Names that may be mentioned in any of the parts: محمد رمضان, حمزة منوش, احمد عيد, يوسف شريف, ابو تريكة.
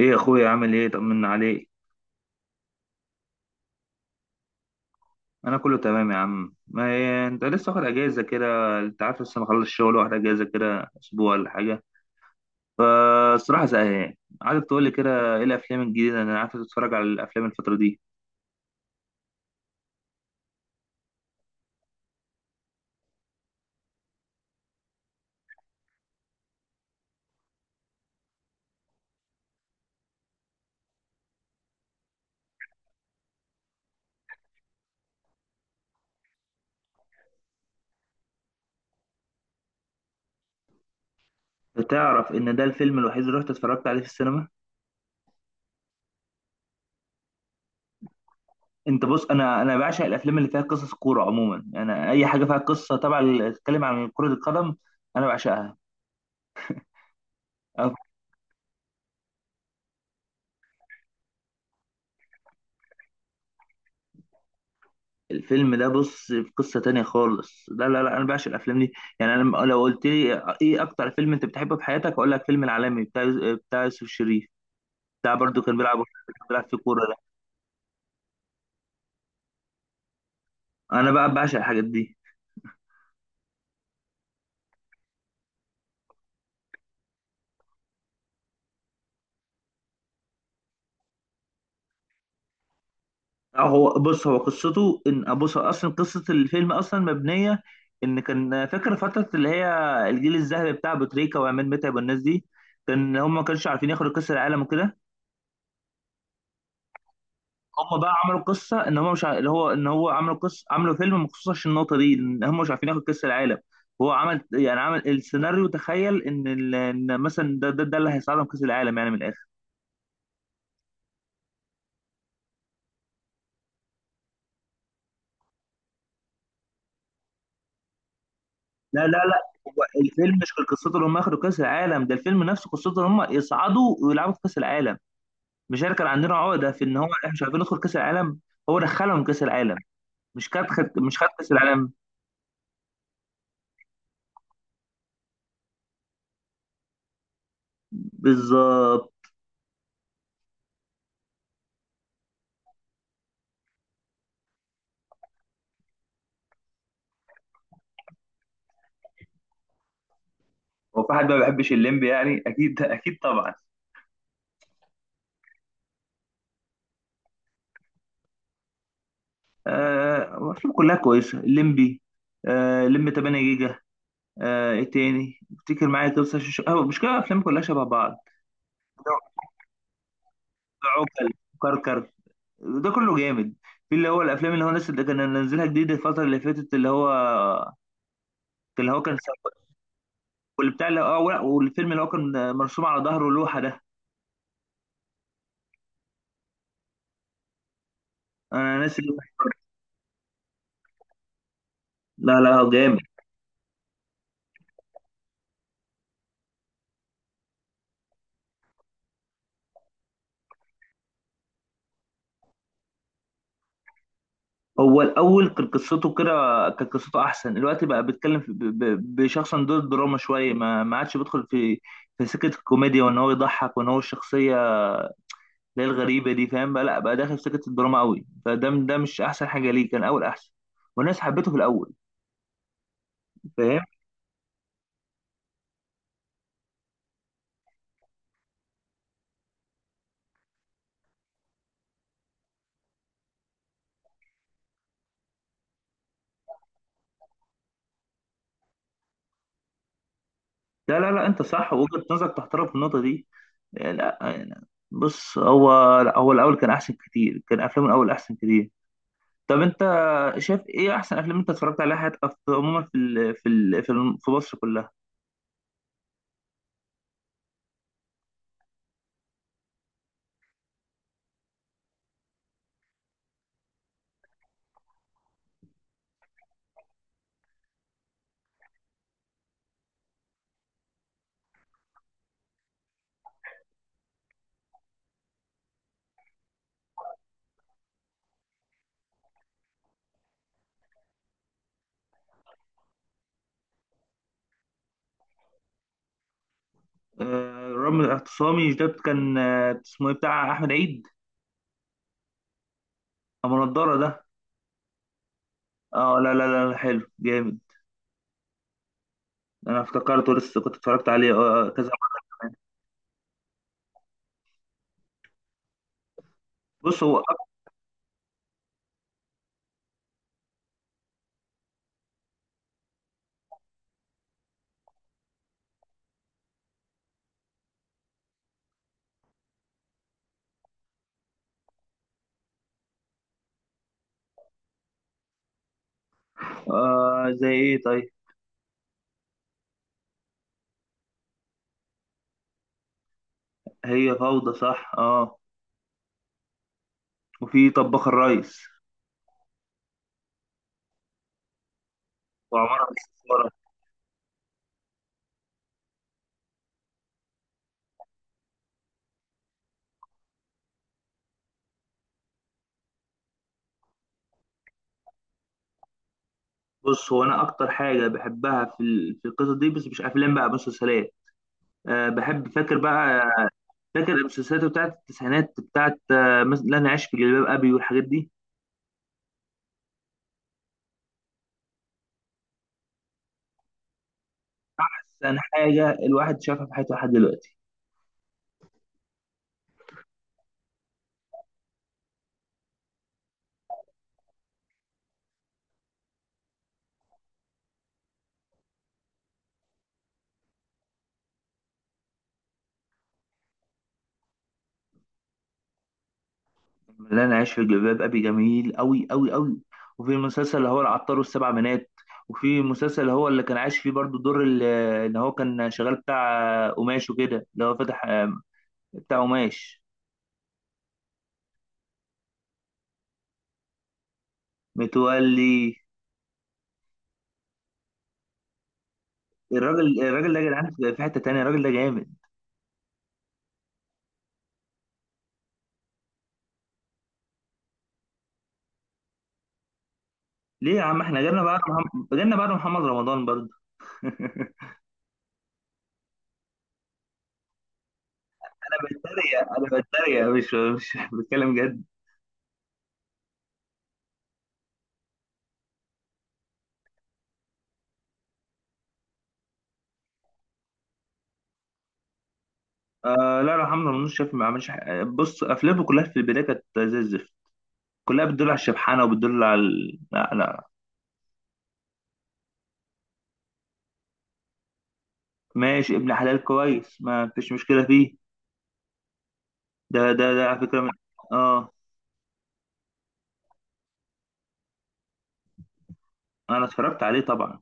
ايه يا اخويا، عامل ايه؟ طمنا عليك. انا كله تمام يا عم، ما هي انت لسه واخد اجازه كده، انت عارف، لسه مخلص الشغل واخد اجازه كده اسبوع ولا حاجه، فالصراحه زهقان. عايزك تقول لي كده ايه الافلام الجديده، انا عارف تتفرج على الافلام الفتره دي. تعرف ان ده الفيلم الوحيد اللي رحت اتفرجت عليه في السينما. انت بص، انا بعشق الافلام اللي فيها قصص كوره. عموما انا اي حاجه فيها قصه، طبعا، تتكلم عن كره القدم انا بعشقها. الفيلم ده بص في قصة تانية خالص، لا لا لا، انا بعشق الافلام دي. يعني لو قلت لي ايه اكتر فيلم انت بتحبه في حياتك، اقول لك فيلم العالمي بتاع يوسف شريف، بتاع، برضو كان بيلعب في كورة ده. انا بقى بعشق الحاجات دي. أه، هو بص، هو قصته ان، بص، هو اصلا قصة الفيلم اصلا مبنية ان، كان فاكر فترة اللي هي الجيل الذهبي بتاع ابو تريكة وعماد متعب والناس دي، كان هم ما كانش عارفين ياخدوا كأس العالم وكده. هم بقى عملوا قصه ان هم مش ع... اللي هو ان هو عملوا قصه، عملوا فيلم مخصوص عشان النقطه دي ان هم مش عارفين ياخد كاس العالم. هو عمل، يعني، عمل السيناريو، تخيل ان مثلا ده اللي هيساعدهم كاس العالم يعني من الاخر. لا لا لا، هو الفيلم مش قصته ان هم ياخدوا كاس العالم، ده الفيلم نفسه قصته ان هم يصعدوا ويلعبوا في كاس العالم. مش احنا كان عندنا عقده في ان هو احنا مش عارفين ندخل كاس العالم؟ هو دخلهم كاس العالم، مش خد كاس العالم. بالظبط. هو في حد ما بيحبش الليمبي يعني؟ اكيد اكيد طبعا. آه، أفلام كلها كويسة الليمبي. آه، الليمبي 8 جيجا. آه، إيه تاني افتكر معايا كده؟ بس عشان مش كده، أفلام كلها شبه بعض. عوكل، كركر، ده كله جامد. في اللي هو الأفلام اللي هو الناس اللي كان نزلها جديد الفترة اللي فاتت، اللي هو، اللي هو كان سب- واللي بتاع اللي، اه لا، والفيلم اللي هو كان مرسوم على ظهره لوحة ده. أنا ناسي اللوحة. لا لا، جامد. هو الاول كان قصته كده، كان قصته احسن، الوقت بقى بيتكلم بشخص عن دور الدراما شويه، ما عادش بيدخل في في سكه الكوميديا وان هو يضحك وان هو الشخصيه اللي هي الغريبه دي، فاهم؟ بقى لا بقى داخل في سكه الدراما قوي، فده ده مش احسن حاجه ليه، كان اول احسن والناس حبته في الاول. فاهم. لا لا لا، انت صح، وجهه نظرك تحترم في النقطه دي. لا يعني بص، هو لا، هو الاول كان احسن كتير، كان افلامه الاول احسن كتير. طب انت شايف ايه احسن افلام انت اتفرجت عليها حياتك، عموما في مصر كلها؟ آه، رغم الاعتصامي مش ده كان، آه، اسمه ايه، بتاع احمد عيد، ابو نضاره ده. اه، لا لا لا لا، حلو جامد. انا افتكرته، لسه كنت اتفرجت عليه كذا مرة. بص هو أك- آه، زي ايه طيب؟ هي فوضى، صح، اه. وفي طباخ الريس، وعمارة الاستخبارات. بص هو انا اكتر حاجه بحبها في القصه دي، بس مش افلام، بقى مسلسلات. أه بحب، فاكر بقى، فاكر المسلسلات بتاعت التسعينات بتاعت، مثلا لا انا عايش في جلباب ابي والحاجات دي. احسن حاجه الواحد شافها في حياته لحد دلوقتي. لا انا عايش في جلباب ابي، جميل قوي قوي قوي. وفي المسلسل اللي هو العطار والسبع بنات. وفي المسلسل اللي هو اللي كان عايش فيه برضو دور اللي هو كان شغال بتاع، آه، قماش وكده، اللي هو فتح، آه، بتاع قماش، متولي. الراجل ده يا جدعان، في حته تانيه، الراجل ده جامد. ليه يا عم، احنا جالنا بعد محمد رمضان برضو. بتريق، انا بتريق، مش بتكلم جد. آه لا لا، حمزة منوش شايف ما عملش حاجة؟ بص افلامه كلها في البدايه كانت زي الزفت، كلها بتدل على الشبحانه وبتدل لا لا. ماشي، ابن حلال كويس، ما فيش مشكله فيه. ده على فكره اه. انا اتفرجت عليه طبعا.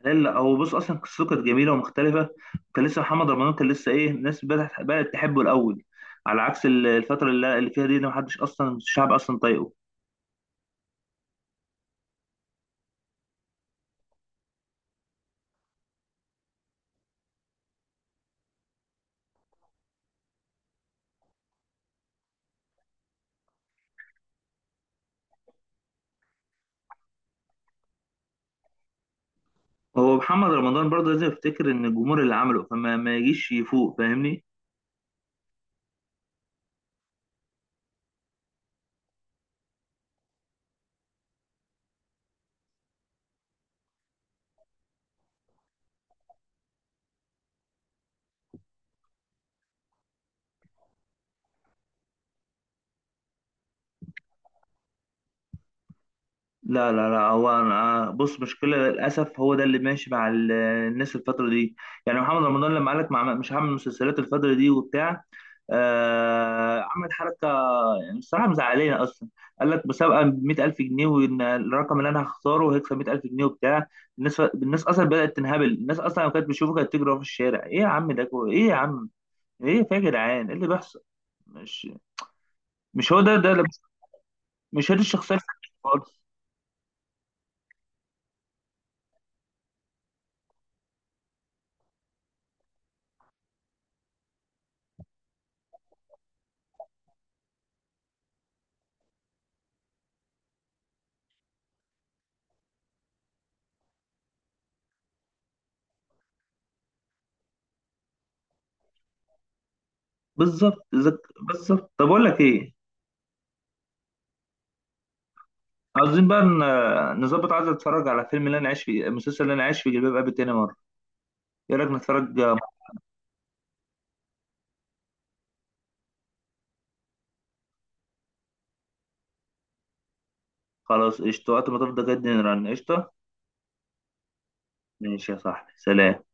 حلال، لا هو بص اصلا قصته كانت جميله ومختلفه. كان لسه محمد رمضان، كان لسه ايه، الناس بدات تحبه الاول، على عكس الفتره اللي فيها دي، ده ما حدش اصلا، الشعب اصلا طايقه. هو محمد رمضان برضه لازم يفتكر ان الجمهور اللي عمله، فما ما يجيش يفوق، فاهمني. لا لا لا، هو أنا بص، مشكلة للأسف هو ده اللي ماشي مع الناس الفترة دي. يعني محمد رمضان لما قالك مش هعمل مسلسلات الفترة دي وبتاع، آه، عمل حركة، الصراحة مزعلانة أصلا. قال لك مسابقة ب 100,000 جنيه، وإن الرقم اللي أنا هختاره هيكسب 100,000 جنيه وبتاع. الناس أصلا بدأت تنهبل. الناس أصلا لو كانت بتشوفه كانت تجري وراه في الشارع، إيه يا عم ده، إيه يا عم، إيه في يا جدعان، إيه اللي بيحصل؟ مش مش هو ده، مش هي دي الشخصيه اللي، خالص. بالظبط، بالظبط. طب اقول لك ايه، عاوزين بقى نظبط. عايز اتفرج على فيلم اللي انا عايش في المسلسل اللي انا عايش في جلباب ابي تاني مره. ايه رايك نتفرج؟ خلاص قشطه، وقت ما تفضى جدا رن، قشطه. ماشي يا صاحبي، سلام.